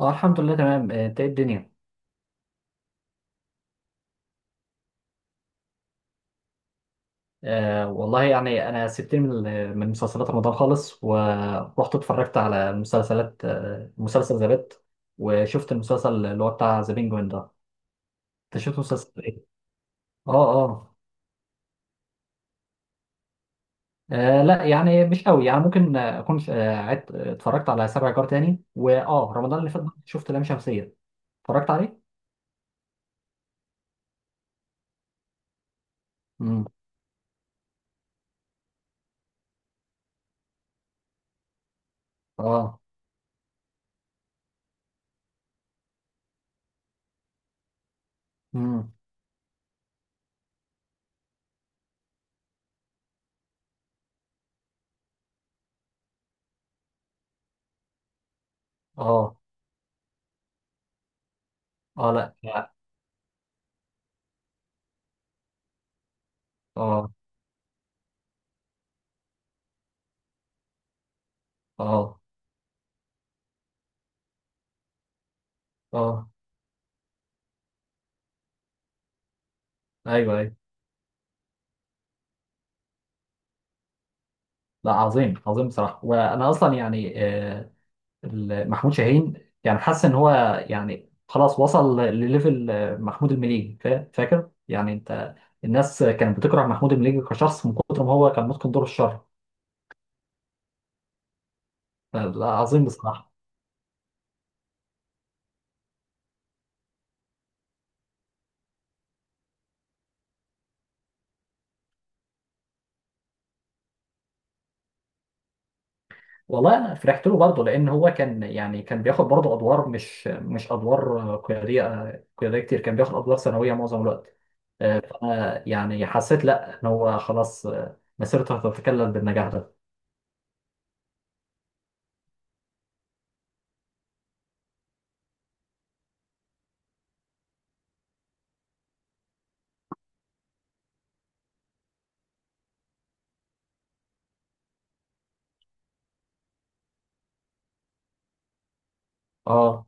اه، الحمد لله تمام، انت ايه الدنيا؟ والله يعني انا سبتني من من مسلسلات رمضان خالص ورحت اتفرجت على مسلسلات مسلسل ذا بيت، وشفت المسلسل اللي هو بتاع ذا بينجوين ده. انت شفت مسلسل ايه؟ اه اه. لا يعني مش قوي، يعني ممكن اكون عدت اتفرجت على سبع جار تاني، واه رمضان اللي فات شفت لام شمسية. اتفرجت عليه. امم. اه. امم. اه اه. لا اه اه اه. آه. ايوه ايوه. لا، عظيم عظيم بصراحة، وأنا أصلا يعني، محمود شاهين، يعني حاسس إن هو يعني خلاص وصل لليفل، محمود المليجي، فاكر يعني أنت؟ الناس كانت بتكره محمود المليجي كشخص من كتر ما هو كان متقن دور الشر. لا، عظيم بصراحة. والله أنا فرحت له برضه، لأن هو كان يعني كان بياخد برضه أدوار، مش أدوار قيادية، قيادية كتير، كان بياخد أدوار ثانوية معظم الوقت. فأنا يعني حسيت لا، إن هو خلاص مسيرته هتتكلل بالنجاح ده. اه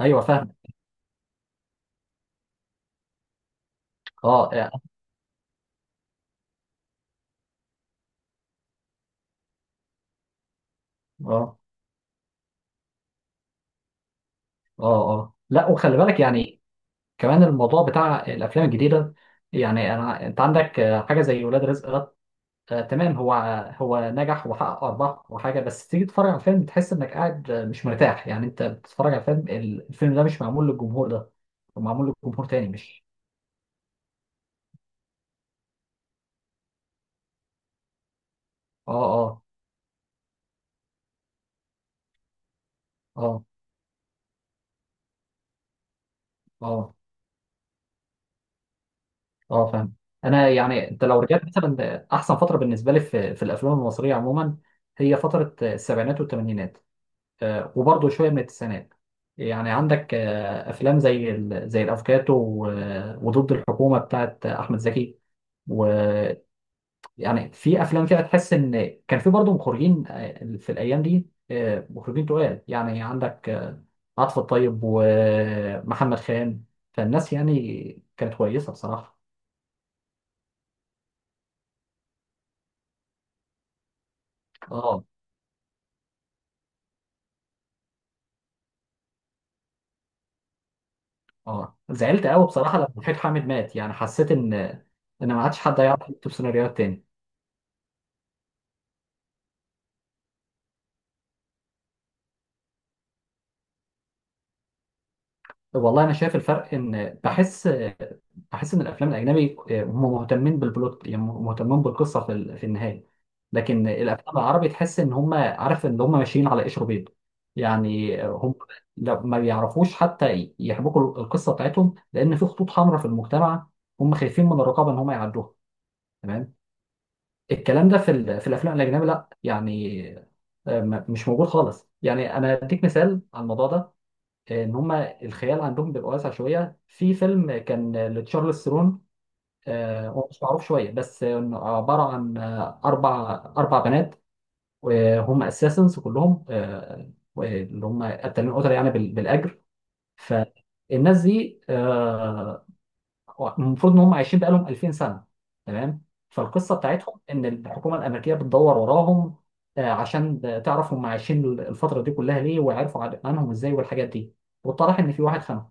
ايوه فاهمك. اه اه اه اه. آه. لا، وخلي بالك يعني كمان الموضوع بتاع الافلام الجديده، يعني انا انت عندك حاجه زي ولاد رزق ده. آه تمام، هو هو نجح وحقق ارباح وحاجه، بس تيجي تتفرج على الفيلم تحس انك قاعد مش مرتاح، يعني انت بتتفرج على فيلم، الفيلم ده مش معمول للجمهور ده، هو معمول لجمهور تاني مش. اه اه اه اه اه فاهم. انا يعني انت لو رجعت مثلا احسن فتره بالنسبه لي في الافلام المصريه عموما، هي فتره السبعينات والثمانينات، وبرضه شويه من التسعينات. يعني عندك افلام زي زي الافوكاتو وضد الحكومه بتاعت احمد زكي، ويعني في افلام كده تحس ان كان في برضه مخرجين في الايام دي مخرجين تقال، يعني عندك عاطف الطيب ومحمد خان. فالناس يعني كانت كويسه بصراحه. اه اه. زعلت قوي بصراحه لما وحيد حامد مات، يعني حسيت ان، ان ما عادش حد هيعرف يكتب سيناريوهات تاني. والله انا شايف الفرق، ان بحس ان الافلام الاجنبي هم مهتمين بالبلوت، يعني مهتمين بالقصه في في النهايه. لكن الافلام العربي تحس ان هم عارف ان هم ماشيين على قشر بيض، يعني هم لو ما بيعرفوش حتى يحبكوا القصه بتاعتهم، لان في خطوط حمراء في المجتمع، هم خايفين من الرقابه ان هم يعدوها. تمام. الكلام ده في في الافلام الاجنبي لا يعني مش موجود خالص. يعني انا اديك مثال على الموضوع ده، ان هم الخيال عندهم بيبقى واسع شويه. في فيلم كان لتشارلز ثرون، هو مش معروف شويه، بس إنه عباره عن اربع بنات، وهم اساسنز كلهم اللي هم قتالين قتله يعني بالاجر. فالناس دي المفروض ان هم عايشين بقالهم 2000 سنه، تمام، فالقصه بتاعتهم ان الحكومه الامريكيه بتدور وراهم عشان تعرف هم عايشين الفتره دي كلها ليه، وعرفوا عنهم ازاي والحاجات دي، واتضح ان في واحد خانهم.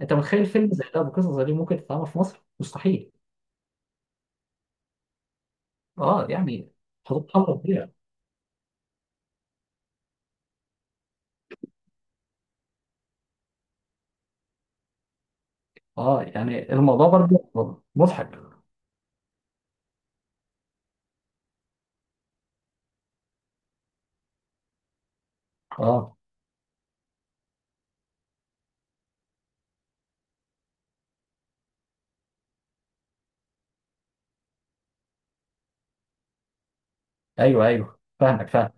انت متخيل فيلم زي ده بقصه زي دي ممكن تتعمل في مصر؟ مستحيل. اه يعني، خطوط حمراء كبيره. اه يعني الموضوع برضه مضحك. اه ايوه ايوه فاهمك فاهم.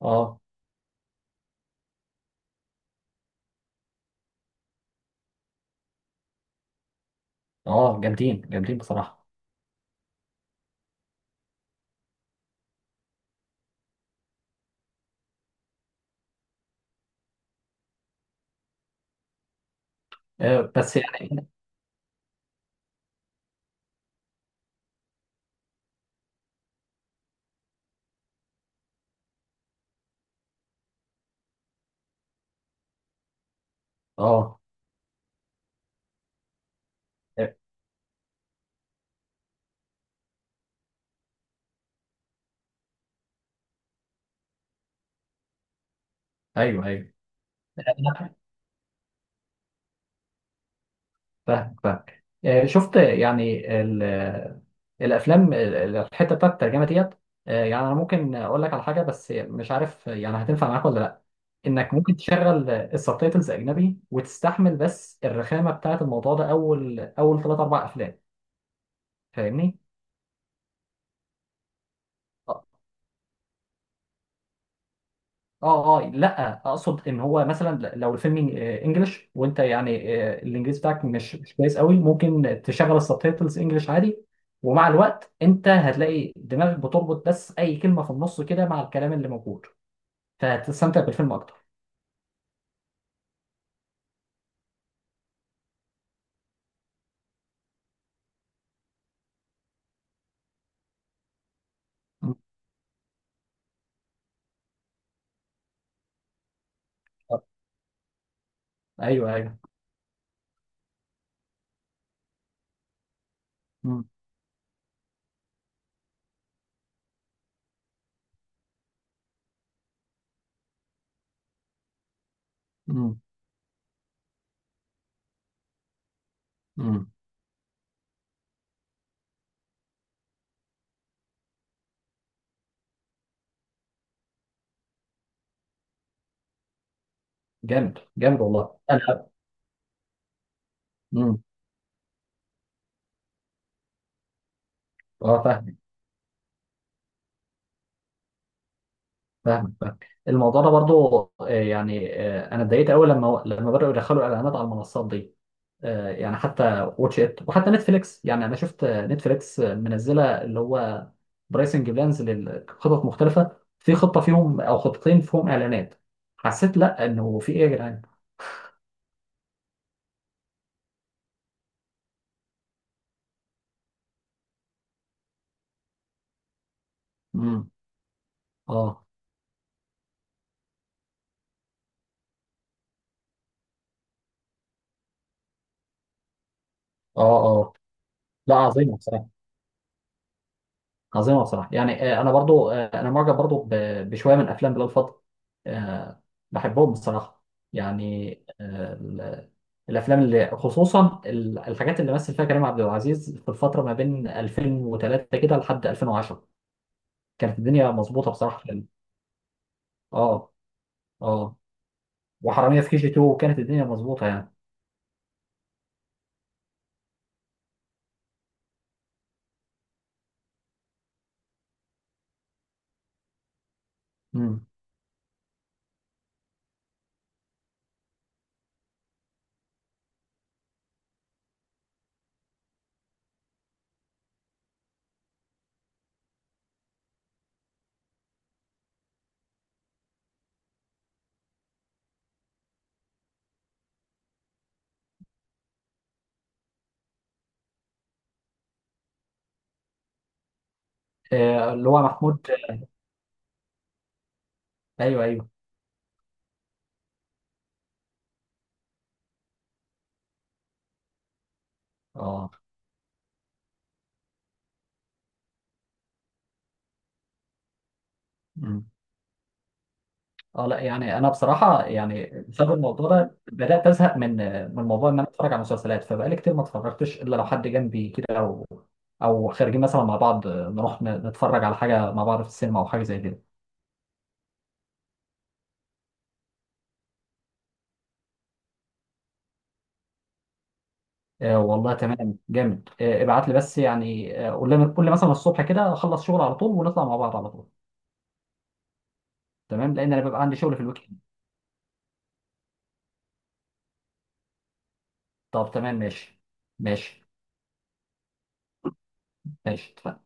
اه اه جامدين جامدين بصراحه. آه بس يعني. اه آه. ايوه ايوه. أنا فاهمك فاهمك، شفت يعني الافلام الحته بتاعت الترجمه ديت. يعني انا ممكن اقول لك على حاجه، بس مش عارف يعني هتنفع معاك ولا لا، انك ممكن تشغل السبتايتلز اجنبي وتستحمل، بس الرخامه بتاعت الموضوع ده اول اول ثلاث اربع افلام، فاهمني؟ اه اه. لا اقصد ان هو مثلا لو الفيلم انجلش، وانت يعني الانجليزي بتاعك مش كويس قوي، ممكن تشغل السبتايتلز انجلش عادي، ومع الوقت انت هتلاقي دماغك بتربط بس اي كلمه في النص كده مع الكلام اللي موجود، فهتستمتع بالفيلم اكتر. مم. آه، ايوه ايوه. مم. مم. مم. جامد جامد والله انا. مم. اه فاهم. فاهمك فاهمك الموضوع ده برضو. يعني انا اتضايقت قوي لما بداوا يدخلوا اعلانات على المنصات دي. يعني حتى واتش ات وحتى نتفليكس، يعني انا شفت نتفليكس منزله اللي هو برايسنج بلانز، لخطط مختلفه في خطه فيهم او خطتين فيهم اعلانات. حسيت لا، انه في ايه يا جدعان؟ امم. اه اه اه. لا، عظيمه بصراحه، عظيمه بصراحه. يعني انا برضو انا معجب برضو بشويه من افلام بلال فضل آه، بحبهم بصراحه. يعني آه، ال- الافلام اللي خصوصا الحاجات اللي مثل فيها كريم عبد العزيز في الفتره ما بين 2003 كده لحد 2010، كانت الدنيا مظبوطه بصراحه في ال-. اه اه. وحراميه في كي جي 2 كانت الدنيا مظبوطه يعني. امم. اللي هو محمود. ايوه ايوه. اه اه. لا يعني انا بصراحه، يعني بسبب الموضوع ده بدات ازهق من موضوع ان انا اتفرج على مسلسلات، فبقالي كتير ما اتفرجتش الا لو حد جنبي كده، او خارجين مثلا مع بعض نروح نتفرج على حاجه مع بعض في السينما او حاجه زي كده. آه والله تمام جامد، ابعت لي، بس يعني قول لي قول لي مثلا الصبح كده، اخلص شغل على طول ونطلع مع بعض على طول. تمام، لان انا بيبقى عندي شغل في الويك اند. طب تمام، ماشي. ماشي. ماشي، اتفقنا.